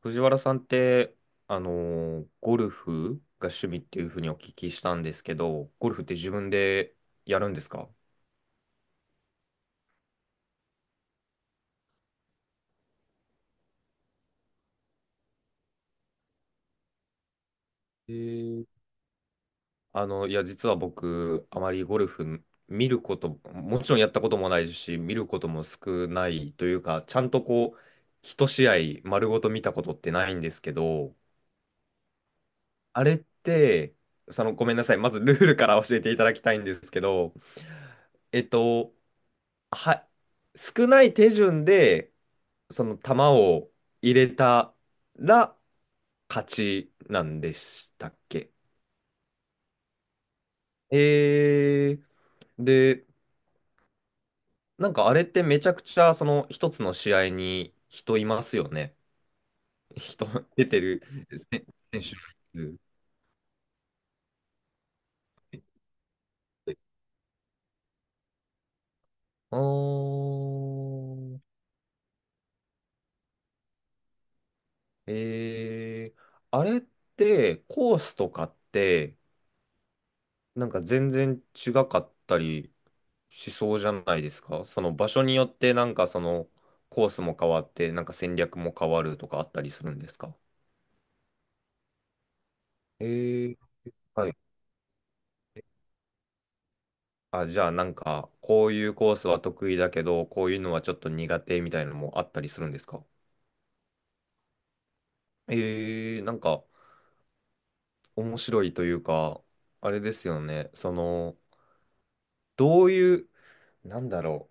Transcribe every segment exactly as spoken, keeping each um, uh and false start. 藤原さんって、あのーゴルフが趣味っていうふうにお聞きしたんですけど、ゴルフって自分でやるんですか？えー、あの、いや、実は僕、あまりゴルフ見ること、もちろんやったこともないし、見ることも少ないというか、ちゃんとこう、一試合丸ごと見たことってないんですけど、あれって、その、ごめんなさい、まずルールから教えていただきたいんですけど、えっと、は、少ない手順で、その球を入れたら勝ちなんでしたっけ？えー、で、なんかあれってめちゃくちゃその一つの試合に人いますよね。人 出てる選選手の数。あー、えー、あれってコースとかってなんか全然違かったりしそうじゃないですか。その場所によってなんかそのコースも変わって、なんか戦略も変わるとかあったりするんですか？えー、はい。あ、じゃあなんかこういうコースは得意だけど、こういうのはちょっと苦手みたいなのもあったりするんですか？えー、なんか面白いというか、あれですよね。その、どういう、なんだろ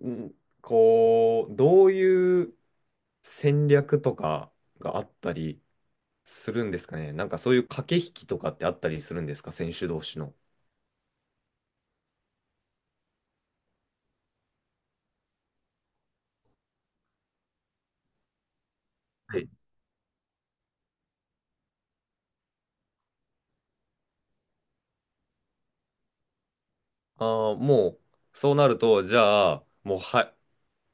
う、ん、こう、どういう戦略とかがあったりするんですかね。なんかそういう駆け引きとかってあったりするんですか、選手同士の。はい。ああ、もう、そうなると、じゃあ、もうは、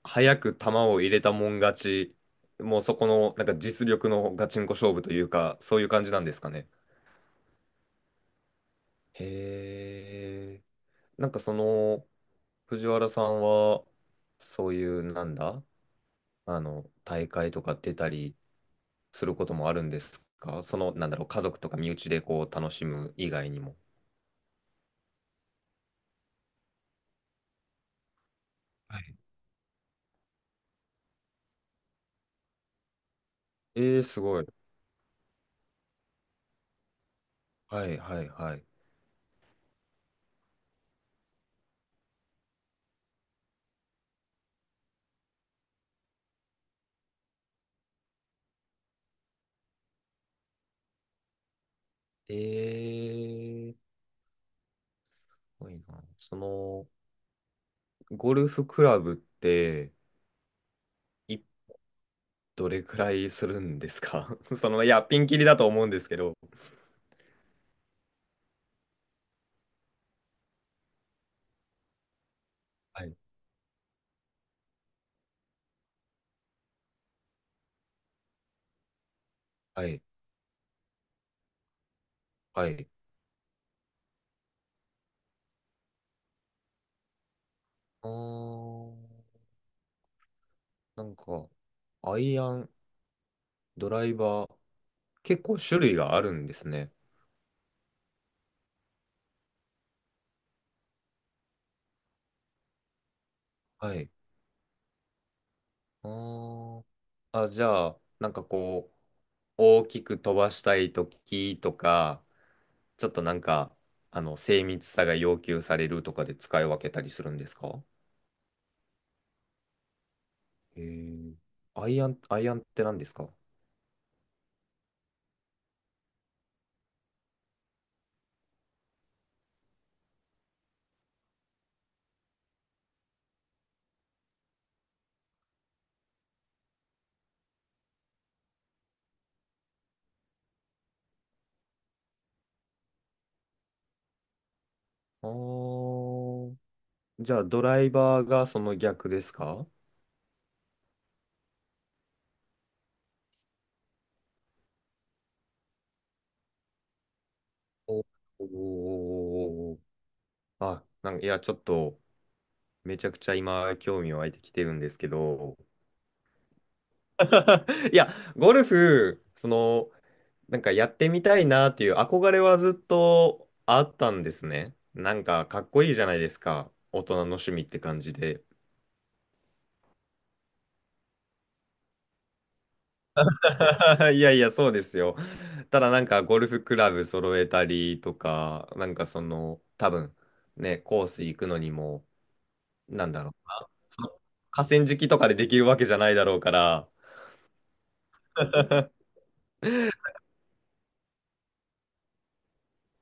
早く球を入れたもん勝ち、もうそこの、なんか実力のガチンコ勝負というか、そういう感じなんですかね。へえ。なんかその、藤原さんは、そういう、なんだ、あの、大会とか出たりすることもあるんですか？その、なんだろう、家族とか身内でこう、楽しむ以外にも。はい。ええ、すごい。はいはいはい。ええー、すごいな。その、ゴルフクラブって、い、どれくらいするんですか？ その、いや、ピンキリだと思うんですけど。はい、はい、はい。あー、なんか、アイアン、ドライバー、結構種類があるんですね。はい。あー、あ、じゃあ、なんかこう、大きく飛ばしたいときとか、ちょっとなんか、あの、精密さが要求されるとかで使い分けたりするんですか？えー、アイアン、アイアンって何ですか？あー、じゃあドライバーがその逆ですか？おおー。あ、なんか、いや、ちょっと、めちゃくちゃ今、興味湧いてきてるんですけど。いや、ゴルフ、その、なんかやってみたいなっていう憧れはずっとあったんですね。なんかかっこいいじゃないですか。大人の趣味って感じで。いやいや、そうですよ。ただなんかゴルフクラブ揃えたりとか、なんかその、多分ね、コース行くのにも、なんだろう。その河川敷とかでできるわけじゃないだろうから。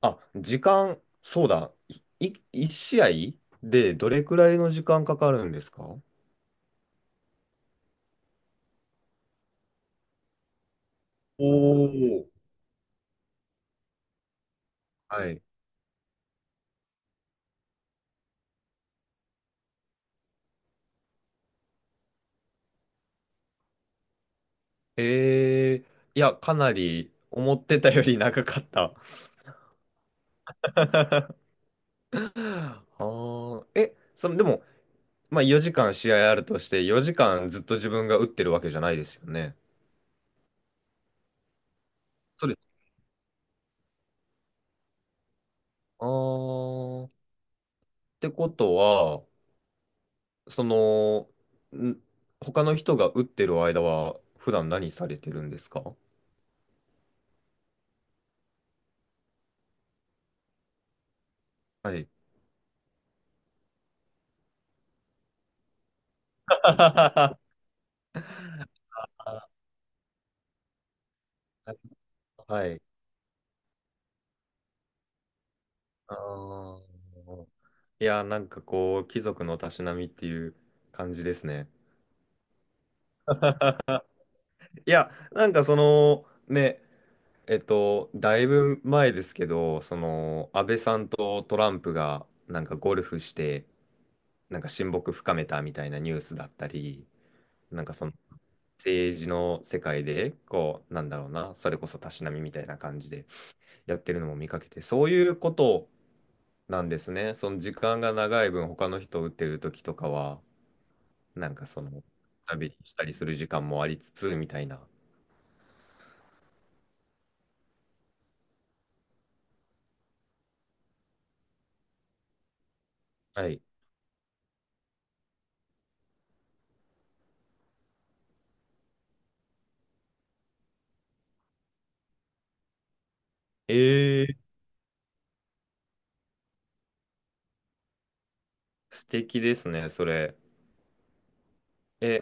あ、時間、そうだ。い、い一試合でどれくらいの時間かかるんですか？おー、はい。えー、いや、かなり思ってたより長かった。ああ、え、その、でも、まあよじかん試合あるとして、よじかんずっと自分が打ってるわけじゃないですよね。そうです。ああ、ってことは、その、ん他の人が打ってる間は、普段何されてるんですか？はい。あー、はい。あー、いや、なんかこう、貴族のたしなみっていう感じですね。いや、なんかその、ね、えっと、だいぶ前ですけど、その、安倍さんとトランプが、なんかゴルフして、なんか親睦深めたみたいなニュースだったり、なんかその、政治の世界で、こう、なんだろうな、それこそたしなみみたいな感じでやってるのも見かけて、そういうことを、なんですね。その時間が長い分、他の人を打ってる時とかは、なんかその、旅したりする時間もありつつ、みたいな。はい。えー、素敵ですね、それ。え、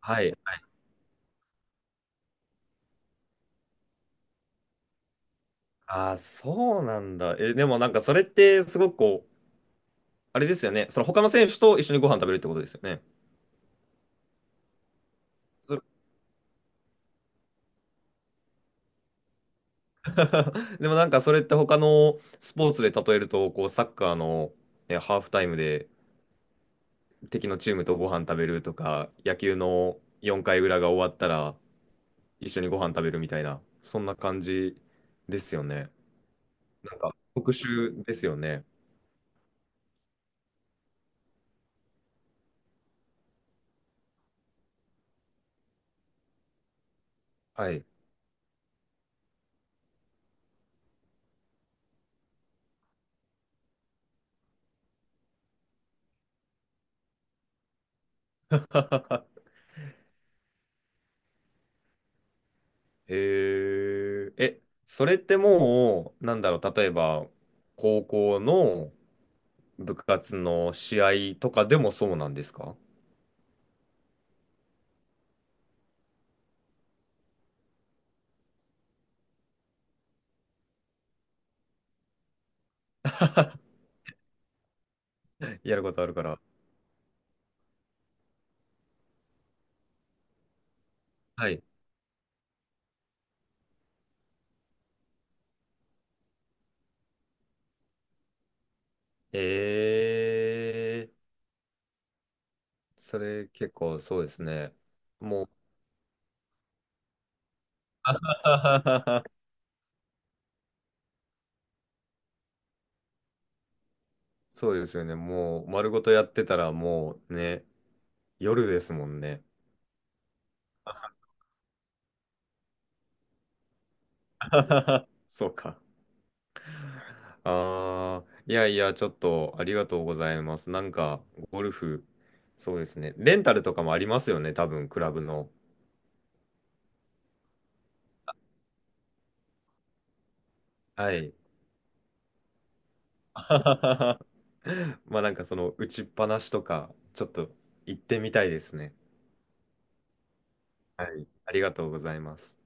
はい。はい。ああ、そうなんだ。え、でもなんかそれってすごくこう、あれですよね。その他の選手と一緒にご飯食べるってことですよね。そ でもなんかそれって他のスポーツで例えると、こう、サッカーの、ねハーフタイムで、敵のチームとご飯食べるとか、野球のよんかいうら裏が終わったら一緒にご飯食べるみたいな、そんな感じですよね。なんか特殊ですよね。はい。へえ、え、それってもう、なんだろう、例えば、高校の部活の試合とかでもそうなんですか？ やることあるから。はい。ええ、それ結構そうですね。もう そうですよね。もう丸ごとやってたらもうね、夜ですもんね。そうか。ああ、いやいや、ちょっとありがとうございます。なんか、ゴルフ、そうですね。レンタルとかもありますよね、多分、クラブの。はい。まあなんかその打ちっぱなしとか、ちょっと行ってみたいですね。はい。ありがとうございます。